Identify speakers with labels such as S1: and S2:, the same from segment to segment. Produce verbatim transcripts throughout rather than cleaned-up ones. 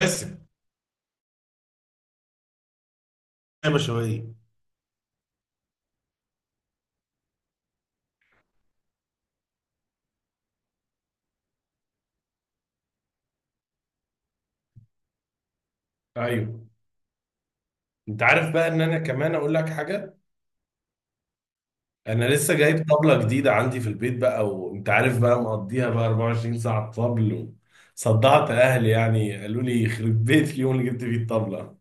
S1: بس، يا بشوية. ايوه، انت عارف بقى ان انا كمان اقول لك حاجه. انا لسه جايب طبله جديده عندي في البيت بقى، وانت عارف بقى مقضيها بقى أربعة وعشرين ساعه طبل. صدعت اهلي يعني، قالوا لي يخرب بيت اليوم اللي جبت فيه الطبله.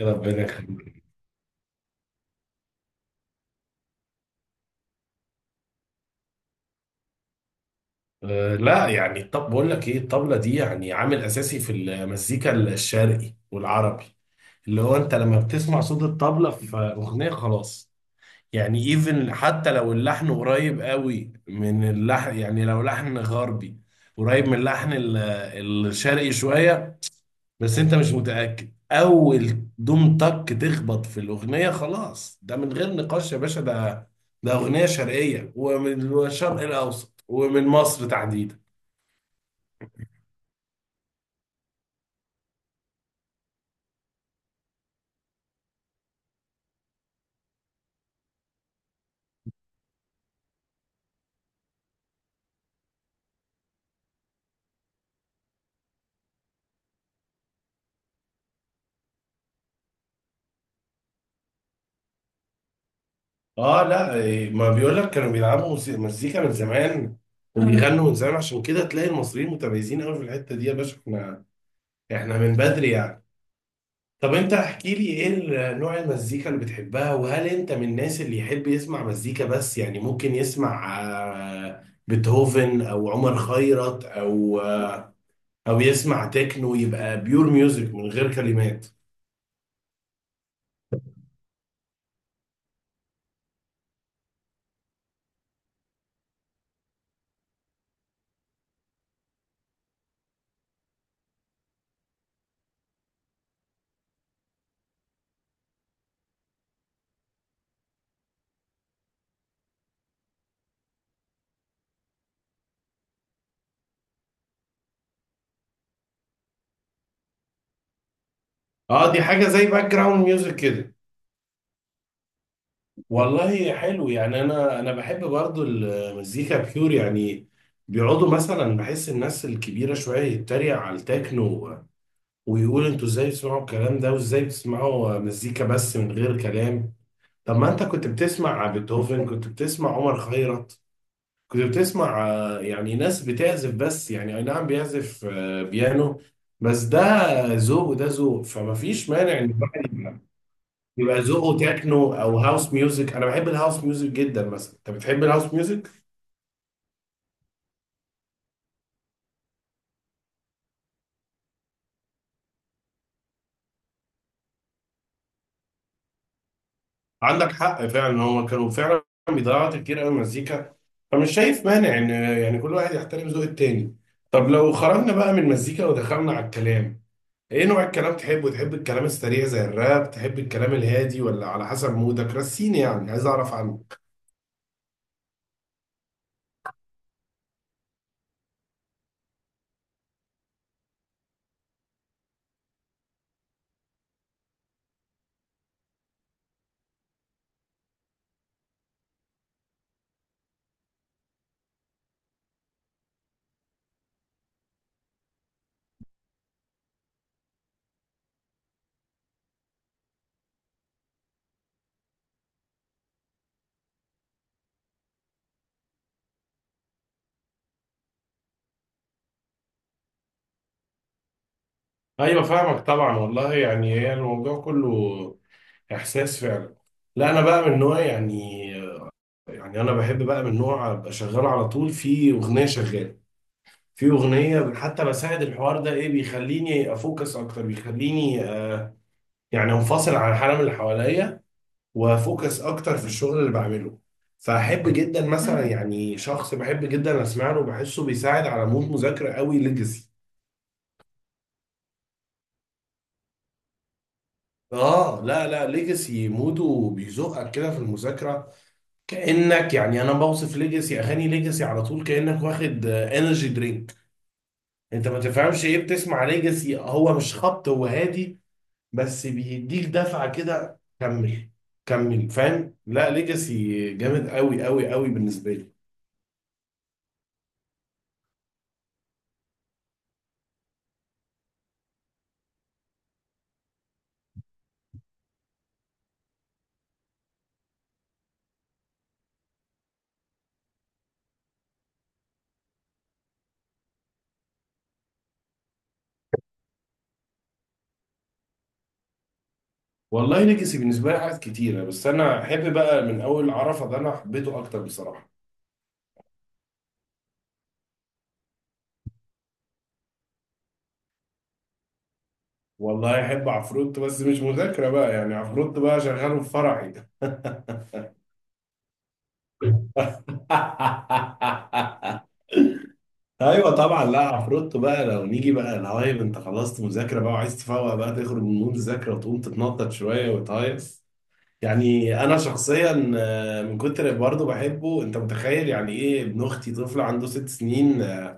S1: ربنا يخليك. أه لا يعني، طب بقول لك ايه، الطبله دي يعني عامل اساسي في المزيكا الشرقي والعربي، اللي هو انت لما بتسمع صوت الطبله في اغنيه خلاص، يعني ايفن حتى لو اللحن قريب قوي من اللحن، يعني لو لحن غربي قريب من اللحن ال- الشرقي شوية، بس انت مش متأكد، اول دوم تك تخبط في الاغنية خلاص، ده من غير نقاش يا باشا، ده ده اغنية شرقية ومن الشرق الاوسط ومن مصر تحديدا. اه لا إيه، ما بيقول لك كانوا بيلعبوا موسي- مزيكا من زمان، اه وبيغنوا من زمان، عشان كده تلاقي المصريين متميزين قوي في الحتة دي يا باشا. احنا احنا من بدري يعني. طب انت احكي لي ايه ال- نوع المزيكا اللي بتحبها، وهل انت من الناس اللي يحب يسمع مزيكا بس؟ يعني ممكن يسمع آه، بيتهوفن او عمر خيرت، او آه، او يسمع تكنو يبقى بيور ميوزك من غير كلمات. اه، دي حاجة زي باك جراوند ميوزك كده. والله حلو. يعني انا انا بحب برضو المزيكا بيور يعني، بيقعدوا مثلا، بحس الناس الكبيرة شوية يتريق على التكنو ويقول انتوا ازاي بتسمعوا الكلام ده، وازاي بتسمعوا مزيكا بس من غير كلام؟ طب ما انت كنت بتسمع بيتهوفن، كنت بتسمع عمر خيرت، كنت بتسمع آه، يعني ناس بتعزف بس، يعني اي نعم بيعزف آه، بيانو بس، ده ذوق وده ذوق، فما فيش مانع ان الواحد يبقى، يبقى ذوقه تكنو او هاوس ميوزك. انا بحب الهاوس ميوزك جدا مثلا، انت بتحب الهاوس ميوزك؟ عندك حق فعلا، هو كانوا فعلا بيضيعوا وقت كتير قوي مزيكا، فمش شايف مانع ان يعني كل واحد يحترم ذوق التاني. طب لو خرجنا بقى من المزيكا ودخلنا على الكلام، ايه نوع الكلام تحبه؟ تحب الكلام السريع زي الراب، تحب الكلام الهادي، ولا على حسب مودك رسيني؟ يعني عايز اعرف عنه. ايوه، فاهمك طبعا. والله يعني هي الموضوع كله احساس فعلا. لا، انا بقى من نوع يعني، يعني انا بحب بقى من نوع ابقى شغال على طول في اغنيه شغاله، في اغنيه حتى بساعد الحوار ده، ايه بيخليني افوكس اكتر، بيخليني آه يعني انفصل عن العالم اللي حواليا، وافوكس اكتر في الشغل اللي بعمله. فاحب جدا مثلا، يعني شخص بحب جدا اسمع له، بحسه بيساعد على مود مذاكره قوي، ليجاسي. اه لا لا، ليجاسي موده بيزقك كده في المذاكره. كانك يعني، انا بوصف ليجاسي، اغاني ليجاسي على طول كانك واخد انرجي درينك. انت ما تفهمش ايه بتسمع ليجاسي، هو مش خبط، هو هادي، بس بيديك دفعة كده، كمل، كمل. فاهم؟ لا ليجاسي جامد قوي قوي قوي بالنسبة لي. والله ليجاسي بالنسبة لي حاجات كتيرة، بس أنا أحب بقى من أول عرفة، ده أنا حبيته أكتر بصراحة. والله أحب عفروت، بس مش مذاكرة بقى، يعني عفروت بقى شغاله في فرعي. ايوه طبعا، لا عفروتو بقى لو نيجي بقى الهايب، انت خلصت مذاكره بقى وعايز تفوق بقى تخرج من المذاكره وتقوم تتنطط شويه وتهيص. يعني انا شخصيا آه، من كتر برضه بحبه، انت متخيل يعني ايه، ابن اختي طفل عنده ست سنين آه،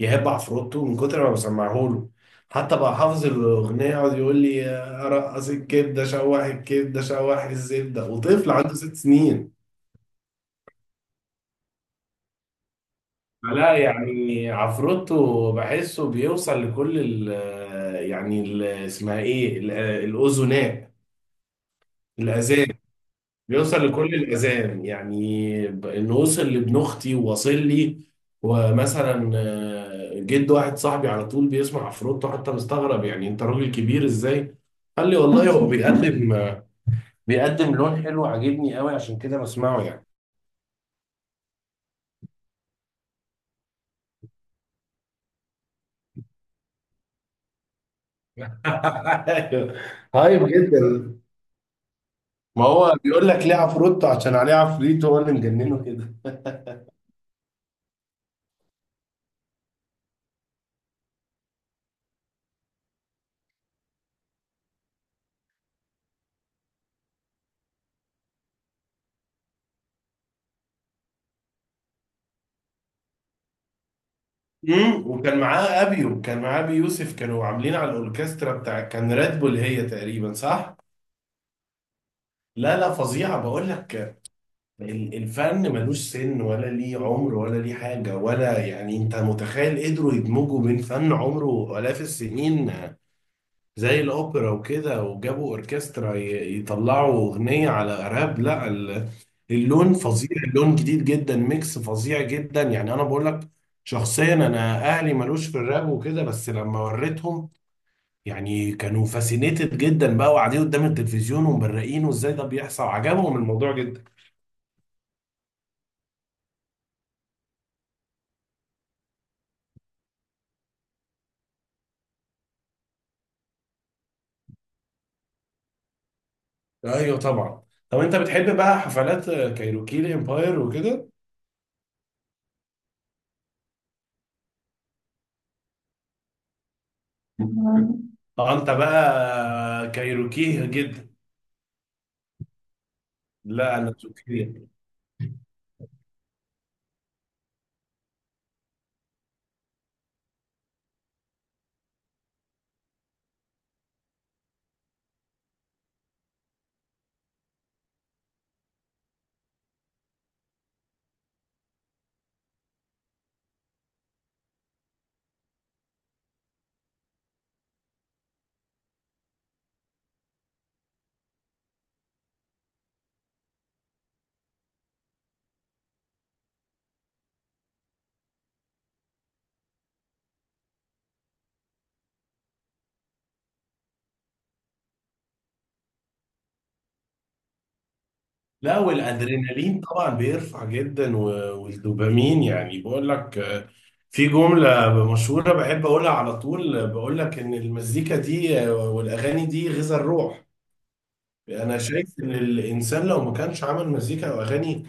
S1: يحب عفروتو من كتر ما بسمعه له. حتى بقى حافظ الاغنيه، يقعد يقول لي آه، رقص الكبده، شوح الكبده، شوح الزبده، وطفل عنده ست سنين. لا يعني عفروتو بحسه بيوصل لكل ال آه، يعني ال- اسمها ايه ال- آه، الاذناء، الاذان، بيوصل لكل الأذان يعني ب- إنه وصل لابن أختي وواصل لي. ومثلا آه، جد واحد صاحبي على طول بيسمع عفروتو، حتى مستغرب يعني أنت راجل كبير إزاي؟ قال لي والله هو بيقدم آه، بيقدم لون حلو عاجبني قوي، عشان كده بسمعه يعني. أيوه. طيب جدا. ما هو بيقول لك ليه عفروتو، عشان عليه عفريت هو اللي مجننه كده. امم وكان معاه ابيو كان معاه ابي يوسف، كانوا عاملين على الاوركسترا بتاع كان راد بول، هي تقريبا صح؟ لا لا فظيعة بقول لك. ال- الفن ملوش سن، ولا ليه عمر، ولا ليه حاجة، ولا يعني. انت متخيل قدروا يدمجوا بين فن عمره آلاف السنين زي الأوبرا وكده، وجابوا أوركسترا ي- يطلعوا أغنية على راب، لا ال- اللون فظيع، اللون جديد جدا، ميكس فظيع جدا. يعني أنا بقول لك، شخصيا أنا أهلي ملوش في الراب وكده، بس لما وريتهم يعني كانوا فاسينيتد جدا بقى، وقاعدين قدام التلفزيون ومبرقين، وازاي ده بيحصل؟ عجبهم الموضوع جدا. ايوه طبعا. طب انت بتحب بقى حفلات كايروكي الامباير وكده؟ مم. اه، انت بقى كايروكيه جدا. لا انا سكري. لا والادرينالين طبعا بيرفع جدا، و- والدوبامين يعني. بقول لك آه، في جملة مشهورة بحب اقولها على طول، آه، بقول لك ان المزيكا دي آه، والاغاني دي غذاء الروح. انا شايف ان الانسان لو ما كانش عمل مزيكا او اغاني،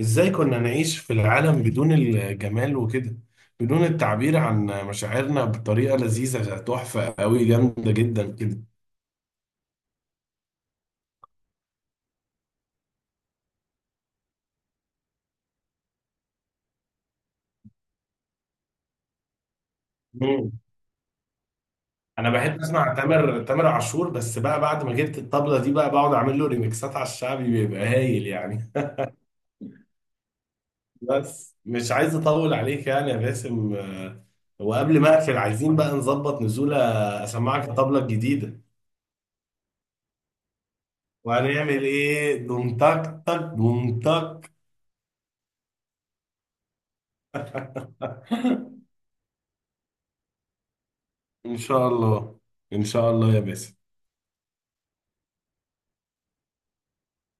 S1: ازاي كنا نعيش في العالم بدون الجمال وكده، بدون التعبير عن مشاعرنا بطريقة لذيذة، تحفة قوي، جامدة جدا كده. مم. انا بحب اسمع تامر، تامر عاشور، بس بقى بعد ما جبت الطبلة دي بقى بقعد اعمل له ريميكسات على الشعبي، بيبقى هايل يعني. بس مش عايز اطول عليك يعني يا باسم، آه، وقبل ما اقفل عايزين بقى نظبط نزولة، اسمعك الطبلة الجديدة. وهنعمل ايه، دوم تك تك بوم تك. ان شاء الله، ان شاء الله يا باسم.